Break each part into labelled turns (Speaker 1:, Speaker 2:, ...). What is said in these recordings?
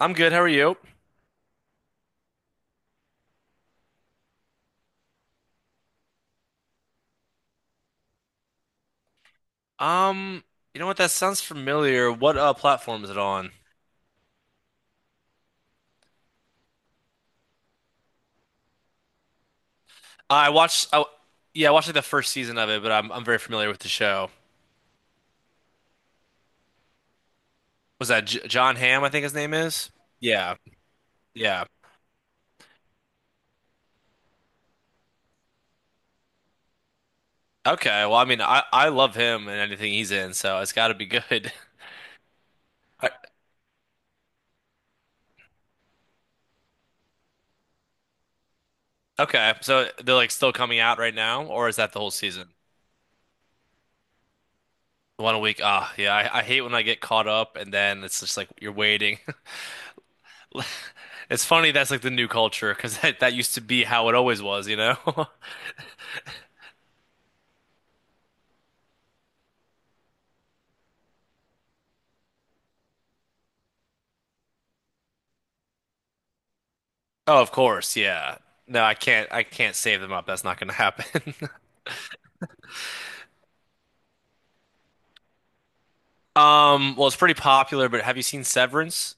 Speaker 1: I'm good. How are you? Um, you know what? That sounds familiar. What platform is it on? I watched. Yeah, I watched like the first season of it, but I'm very familiar with the show. Was that J John Hamm? I think his name is. Yeah, yeah. Okay. Well, I mean, I love him and anything he's in, so it's got to be good. I- Okay. So they're like still coming out right now, or is that the whole season? One a week. Ah, yeah. I hate when I get caught up and then it's just like you're waiting. It's funny that's like the new culture because that used to be how it always was, you know? Oh, of course, yeah. No, I can't save them up. That's not gonna happen. Well, it's pretty popular, but have you seen Severance?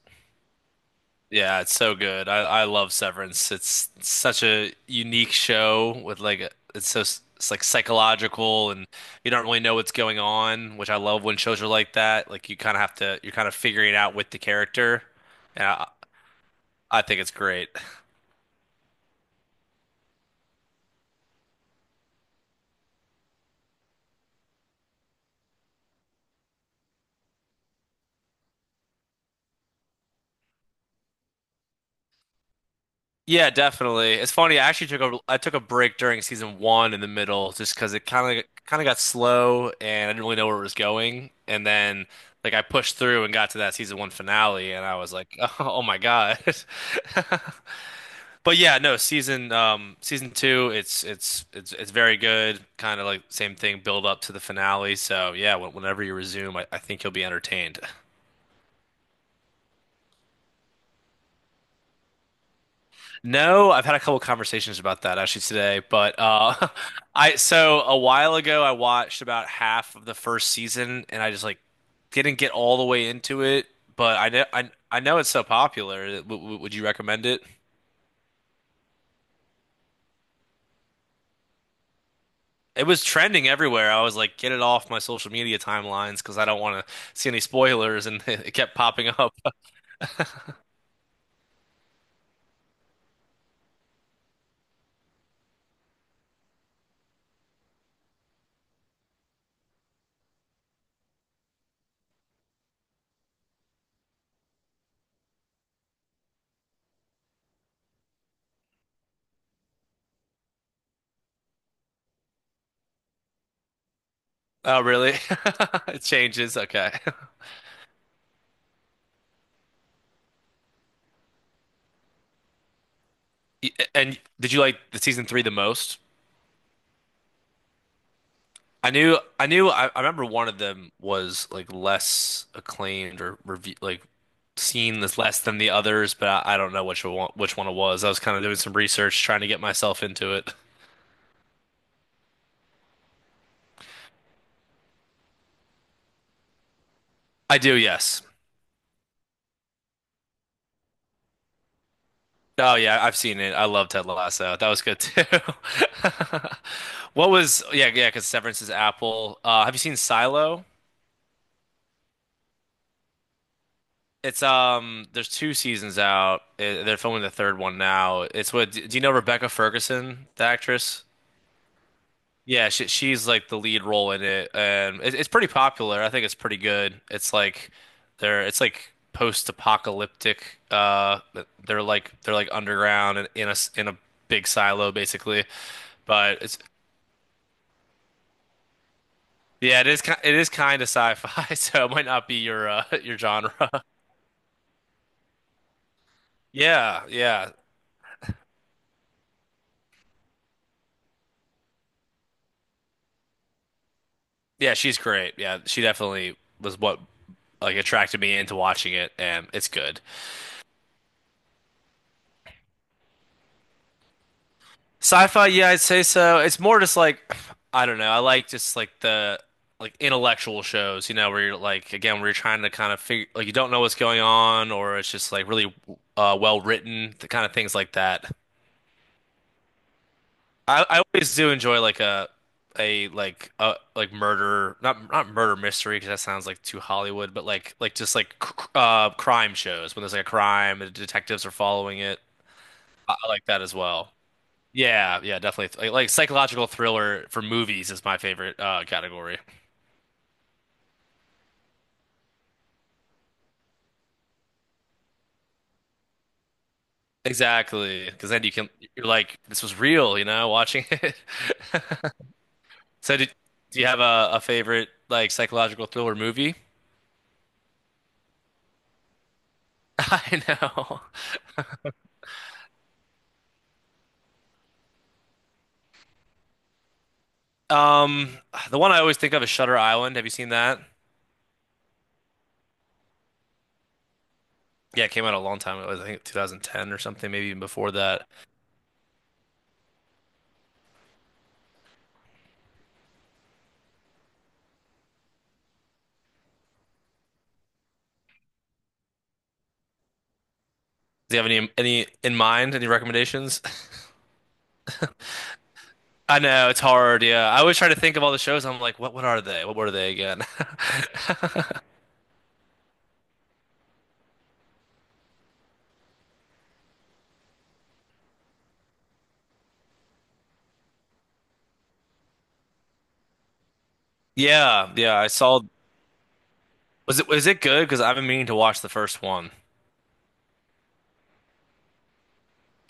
Speaker 1: Yeah, it's so good. I love Severance. It's such a unique show with it's so it's like psychological, and you don't really know what's going on, which I love when shows are like that. Like you kind of have to you're kind of figuring it out with the character. And I think it's great. Yeah, definitely. It's funny. I actually took a I took a break during season one in the middle just because it kind of got slow and I didn't really know where it was going. And then like I pushed through and got to that season one finale and I was like, oh, my God. But yeah, no, season two, it's very good. Kind of like same thing, build up to the finale. So yeah, whenever you resume, I think you'll be entertained. No, I've had a couple conversations about that actually today, but I so a while ago I watched about half of the first season and I just like didn't get all the way into it, but I know it's so popular. Would you recommend it? It was trending everywhere. I was like, get it off my social media timelines because I don't want to see any spoilers, and it kept popping up. Oh, really? It changes. Okay. And did you like the season three the most? I remember one of them was like less acclaimed or review, like seen as less than the others, but I don't know which one it was. I was kind of doing some research, trying to get myself into it. I do, yes. Oh yeah, I've seen it. I love Ted Lasso. That was good too. What was, yeah, yeah, because Severance is Apple. Have you seen Silo? It's there's two seasons out. Eh, they're filming the third one now. It's what, do you know Rebecca Ferguson, the actress? Yeah, she's like the lead role in it, and it's pretty popular. I think it's pretty good. It's like they're it's like post-apocalyptic. They're like underground and in a big silo basically. But it's yeah, it is kind of sci-fi, so it might not be your your genre. Yeah, yeah, yeah. She's great. Yeah, she definitely was what like attracted me into watching it, and it's good. Sci-fi, yeah, I'd say so. It's more just like I don't know. I like just like the like intellectual shows, you know, where you're like again, where you're trying to kind of figure like you don't know what's going on, or it's just like really well written, the kind of things like that. I always do enjoy like a murder, not murder mystery because that sounds like too Hollywood, but like just like crime shows when there's like a crime and detectives are following it. I like that as well. Yeah, yeah, definitely. Like psychological thriller for movies is my favorite category. Exactly, because then you can you're like this was real, you know, watching it. So did, do you have a favorite like psychological thriller movie? I know. Um, the one I always think of is Shutter Island. Have you seen that? Yeah, it came out a long time ago. I think 2010 or something, maybe even before that. Do you have any in mind? Any recommendations? I know it's hard. Yeah, I always try to think of all the shows. I'm like, what are they? What were they again? Yeah, yeah, I saw. Was it good? Because I've been meaning to watch the first one.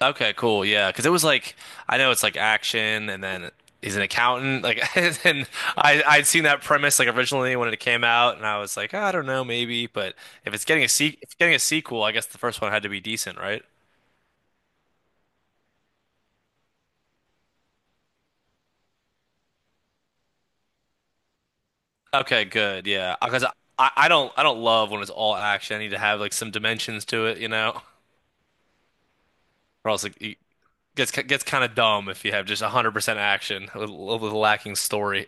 Speaker 1: Okay, cool. Yeah, because it was like I know it's like action, and then he's an accountant. Like, and I'd seen that premise like originally when it came out, and I was like, I don't know, maybe. But if it's getting a se if it's getting a sequel, I guess the first one had to be decent, right? Okay, good. Yeah, because I don't love when it's all action. I need to have like some dimensions to it, you know, or else like, it gets kind of dumb if you have just 100% action with lacking story.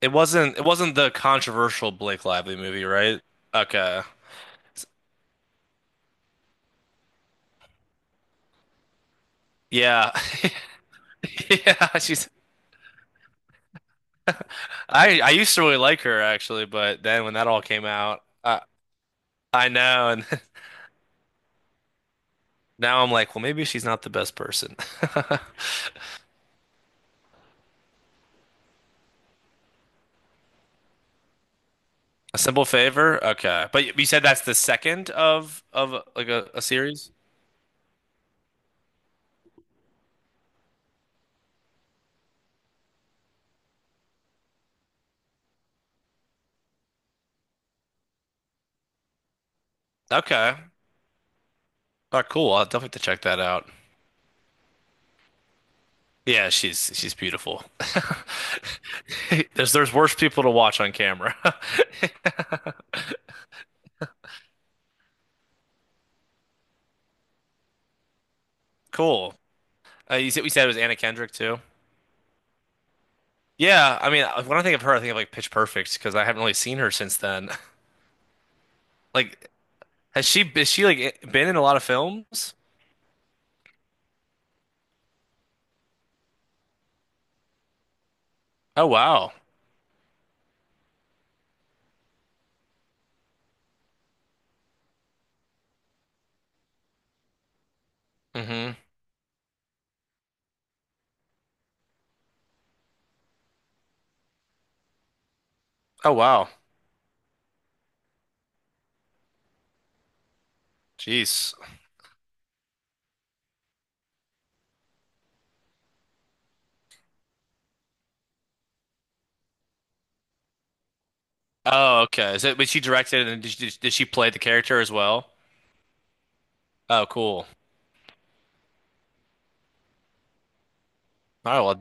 Speaker 1: It wasn't the controversial Blake Lively movie, right? Okay. Yeah. Yeah, she's I used to really like her actually, but then when that all came out, I know, and now I'm like, well maybe she's not the best person. A simple favor? Okay. But you said that's the second of like a series? Okay. All right, cool. I'll definitely have to check that out. Yeah, she's beautiful. There's worse people to watch on camera. Cool. You said we said it was Anna Kendrick too. Yeah, I mean, when I think of her, I think of like Pitch Perfect because I haven't really seen her since then. Like, has she is she like been in a lot of films? Oh wow. Hmm. Oh wow. Jeez. Oh okay. Is it? But she directed and did she play the character as well? Oh cool. All right. Well.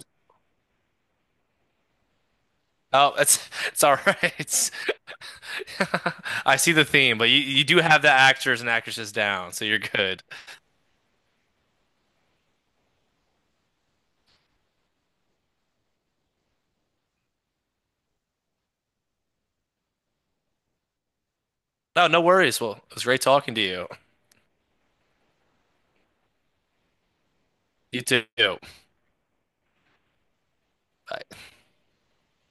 Speaker 1: Oh, it's all right. It's, I see the theme, but you do have the actors and actresses down, so you're good. No, no worries. Well, it was great talking to you. You too.